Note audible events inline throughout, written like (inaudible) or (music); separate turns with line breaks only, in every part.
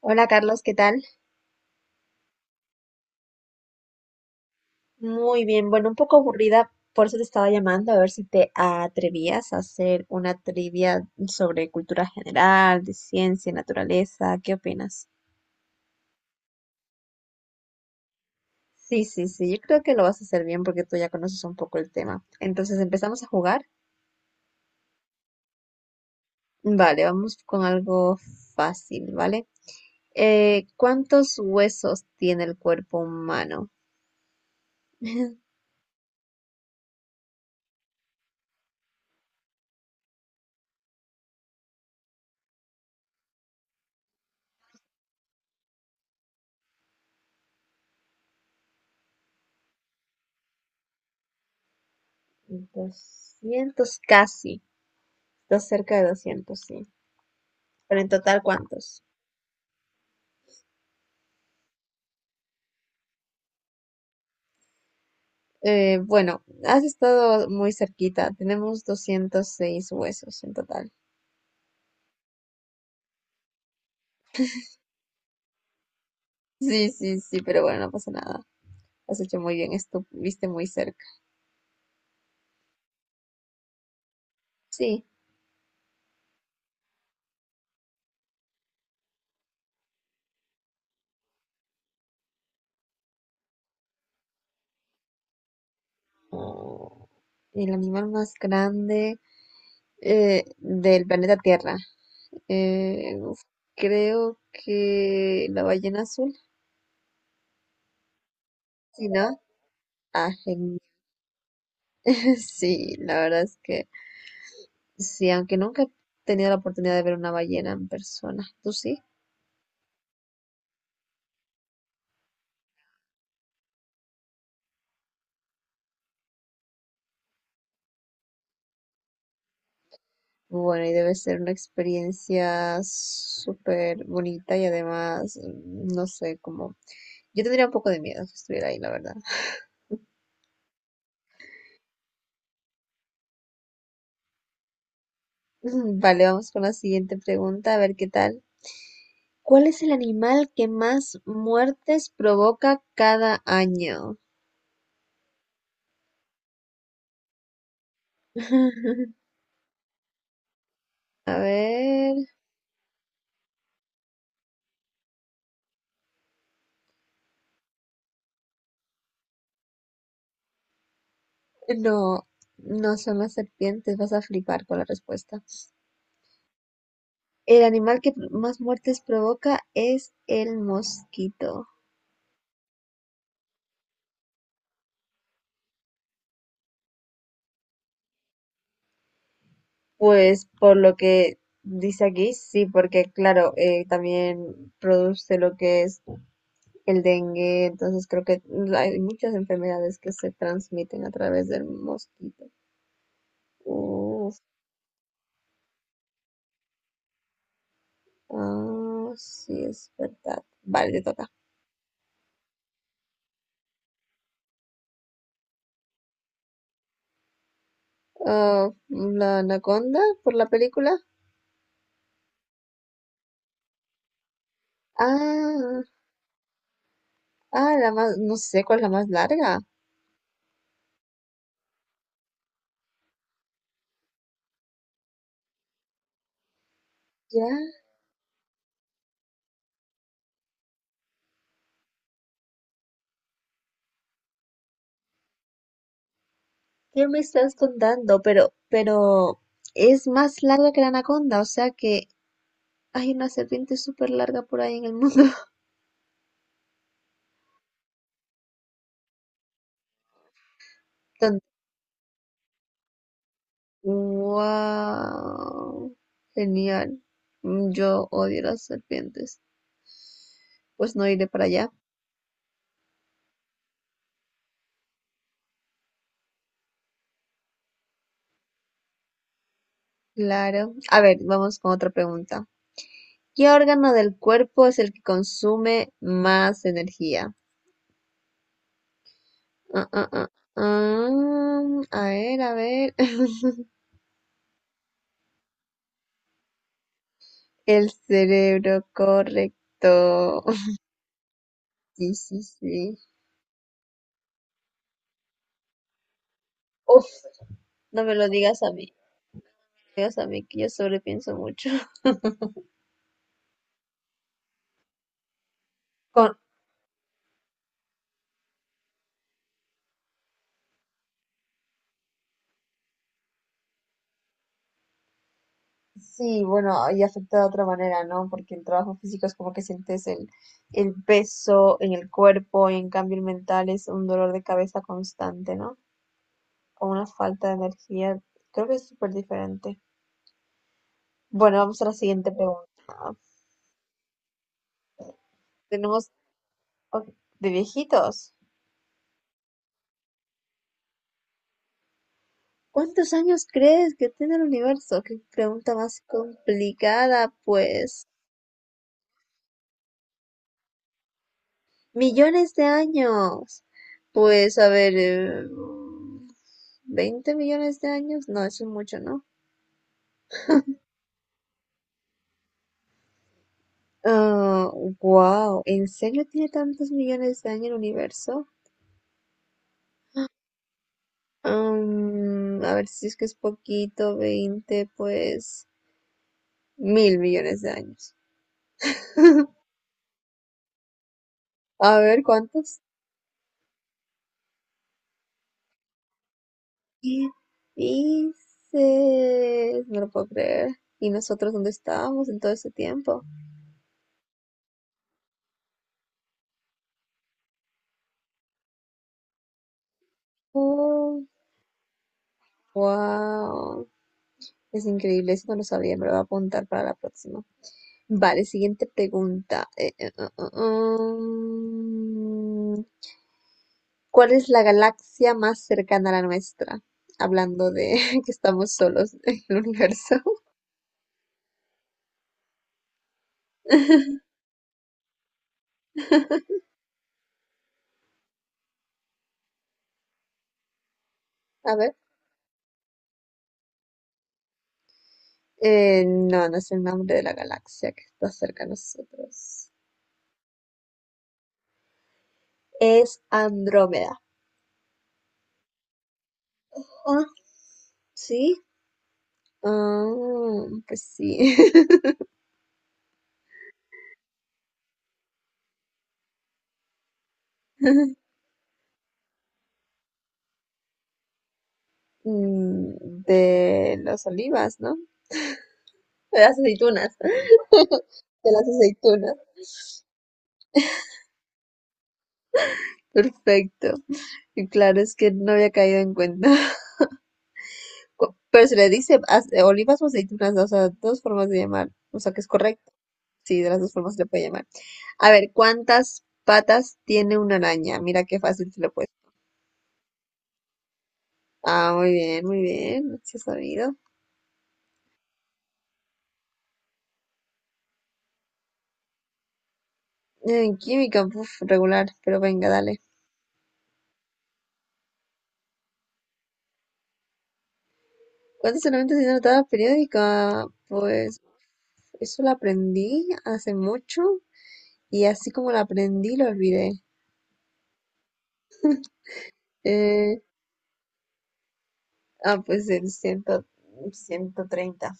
Hola Carlos, ¿qué tal? Muy bien, bueno, un poco aburrida, por eso te estaba llamando a ver si te atrevías a hacer una trivia sobre cultura general, de ciencia, naturaleza, ¿qué opinas? Sí, sí, sí, yo creo que lo vas a hacer bien porque tú ya conoces un poco el tema. Entonces, ¿empezamos a jugar? Vale, vamos con algo fácil, ¿vale? ¿Cuántos huesos tiene el cuerpo humano? (laughs) 200, casi, está cerca de 200, sí. Pero en total, ¿cuántos? Bueno, has estado muy cerquita. Tenemos 206 huesos en total. Sí, sí, sí, pero bueno, no pasa nada. Has hecho muy bien, estuviste muy cerca. Sí, oh, el animal más grande del planeta Tierra. Uf, creo que la ballena azul. Sí, ¿no? Ah, genial. (laughs) Sí, la verdad es que sí, aunque nunca he tenido la oportunidad de ver una ballena en persona. ¿Tú sí? Bueno, y debe ser una experiencia súper bonita y además, no sé, como. Yo tendría un poco de miedo si estuviera ahí, la verdad. (laughs) Vale, vamos con la siguiente pregunta, a ver qué tal. ¿Cuál es el animal que más muertes provoca cada año? (laughs) A ver, no, no son las serpientes, vas a flipar con la respuesta. El animal que más muertes provoca es el mosquito. Pues por lo que dice aquí, sí, porque claro, también produce lo que es el dengue, entonces creo que hay muchas enfermedades que se transmiten a través del mosquito. Uf, ah, sí, es verdad. Vale, te toca. Ah, la anaconda por la película. Ah, ah, la más, no sé cuál es la más larga. Ya, ¿qué me estás contando? Pero es más larga que la anaconda, o sea que hay una serpiente súper larga por ahí en el mundo. (laughs) Bastante. Wow, genial. Yo odio las serpientes. Pues no iré para allá. Claro. A ver, vamos con otra pregunta. ¿Qué órgano del cuerpo es el que consume más energía? Ah, ah, ah, ah, a ver, a ver. (laughs) El cerebro, correcto. (laughs) Sí, sí, sí. Uf, no me lo digas a mí. No me digas a mí que yo sobrepienso mucho. (laughs) Con Sí, bueno, y afecta de otra manera, ¿no? Porque el trabajo físico es como que sientes el peso en el cuerpo y en cambio el mental es un dolor de cabeza constante, ¿no? O una falta de energía. Creo que es súper diferente. Bueno, vamos a la siguiente pregunta. Tenemos Ok, de viejitos. ¿Cuántos años crees que tiene el universo? Qué pregunta más complicada, pues. Millones de años. Pues a ver, 20 millones de años. No, eso es mucho, ¿no? Ah, wow. ¿En serio tiene tantos millones de años el universo? A ver si es que es poquito, 20, pues mil millones de años. A ver, ¿cuántos? ¿Qué dices? No lo puedo creer. ¿Y nosotros dónde estábamos en todo ese tiempo? Oh, wow. Es increíble, eso no lo sabía, me lo voy a apuntar para la próxima. Vale, siguiente pregunta. Mm, ¿cuál es la galaxia más cercana a la nuestra? Hablando de (laughs) que estamos solos en el universo. (laughs) A ver. No, no es el nombre de la galaxia que está cerca a nosotros. Es Andrómeda. Ah, ¿sí? Ah, pues sí. (laughs) Mm, De los olivas, ¿no? De las aceitunas. (laughs) De las aceitunas. Perfecto. Y claro, es que no había caído en cuenta. (laughs) Pero se le dice olivas o aceitunas, o sea, dos formas de llamar. O sea, que es correcto. Sí, de las dos formas se le puede llamar. A ver, ¿cuántas patas tiene una araña? Mira qué fácil se le puede. Ah, muy bien, muy bien. Sí, has sabido. En química, uf, regular, pero venga, dale. ¿Cuántos elementos tiene la tabla periódica? Pues eso lo aprendí hace mucho. Y así como lo aprendí, lo olvidé. Eh, ah, pues el ciento treinta,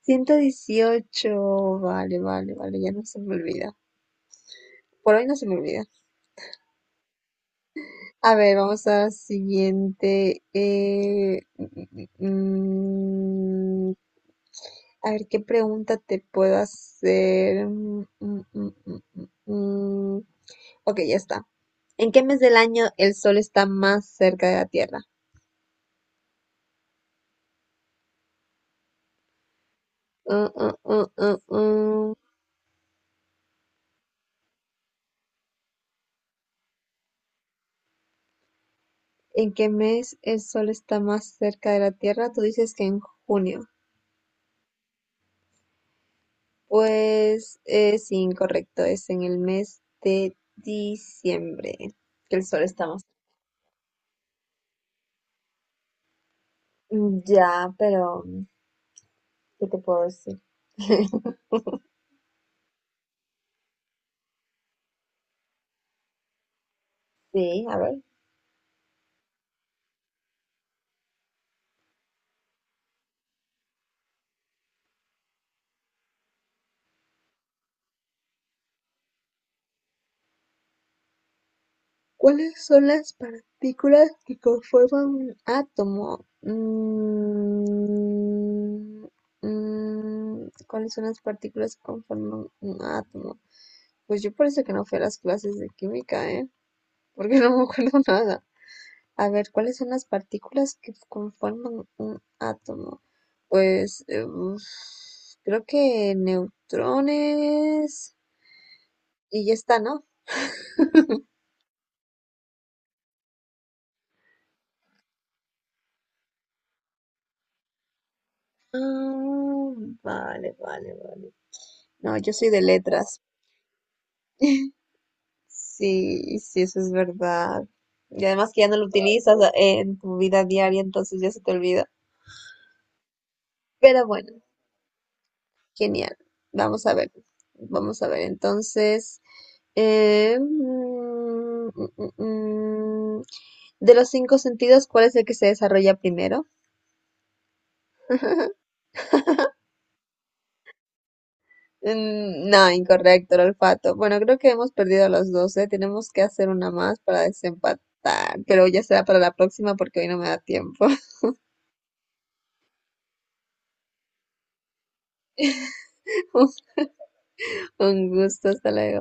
118. Vale, vale, vale, ya no se me olvida. Por hoy no se me olvida. A ver, vamos a la siguiente. A ver, ¿qué pregunta te puedo hacer? Mm, mm, mm, mm, mm, mm. Ok, ya está. ¿En qué mes del año el sol está más cerca de la Tierra? Mm, mm, mm, mm, mm. En qué mes el sol está más cerca de la Tierra. Tú dices que en junio. Pues es incorrecto, es en el mes de diciembre que el sol está más. Mm, ya, pero ¿qué te puedo decir? (laughs) Sí, a ver. ¿Cuáles son las partículas que conforman un átomo? ¿Cuáles son las partículas que conforman un átomo? Pues yo parece que no fui a las clases de química, ¿eh? Porque (laughs) no me acuerdo nada. A ver, ¿cuáles son las partículas que conforman un átomo? Pues uf, creo que neutrones y ya está, ¿no? Ah, vale, vale, vale. No, yo soy de letras. (laughs) Sí, sí, eso es verdad. Y además que ya no lo utilizas en tu vida diaria, entonces ya se te olvida. Pero bueno. Genial. Vamos a ver. Vamos a ver. Entonces, eh, mm, mm, mm, mm. de los cinco sentidos, ¿cuál es el que se desarrolla primero? (laughs) No, incorrecto, el olfato. Bueno, creo que hemos perdido a los 12. Tenemos que hacer una más para desempatar, pero ya será para la próxima porque hoy no me da tiempo. (laughs) Un gusto, hasta luego.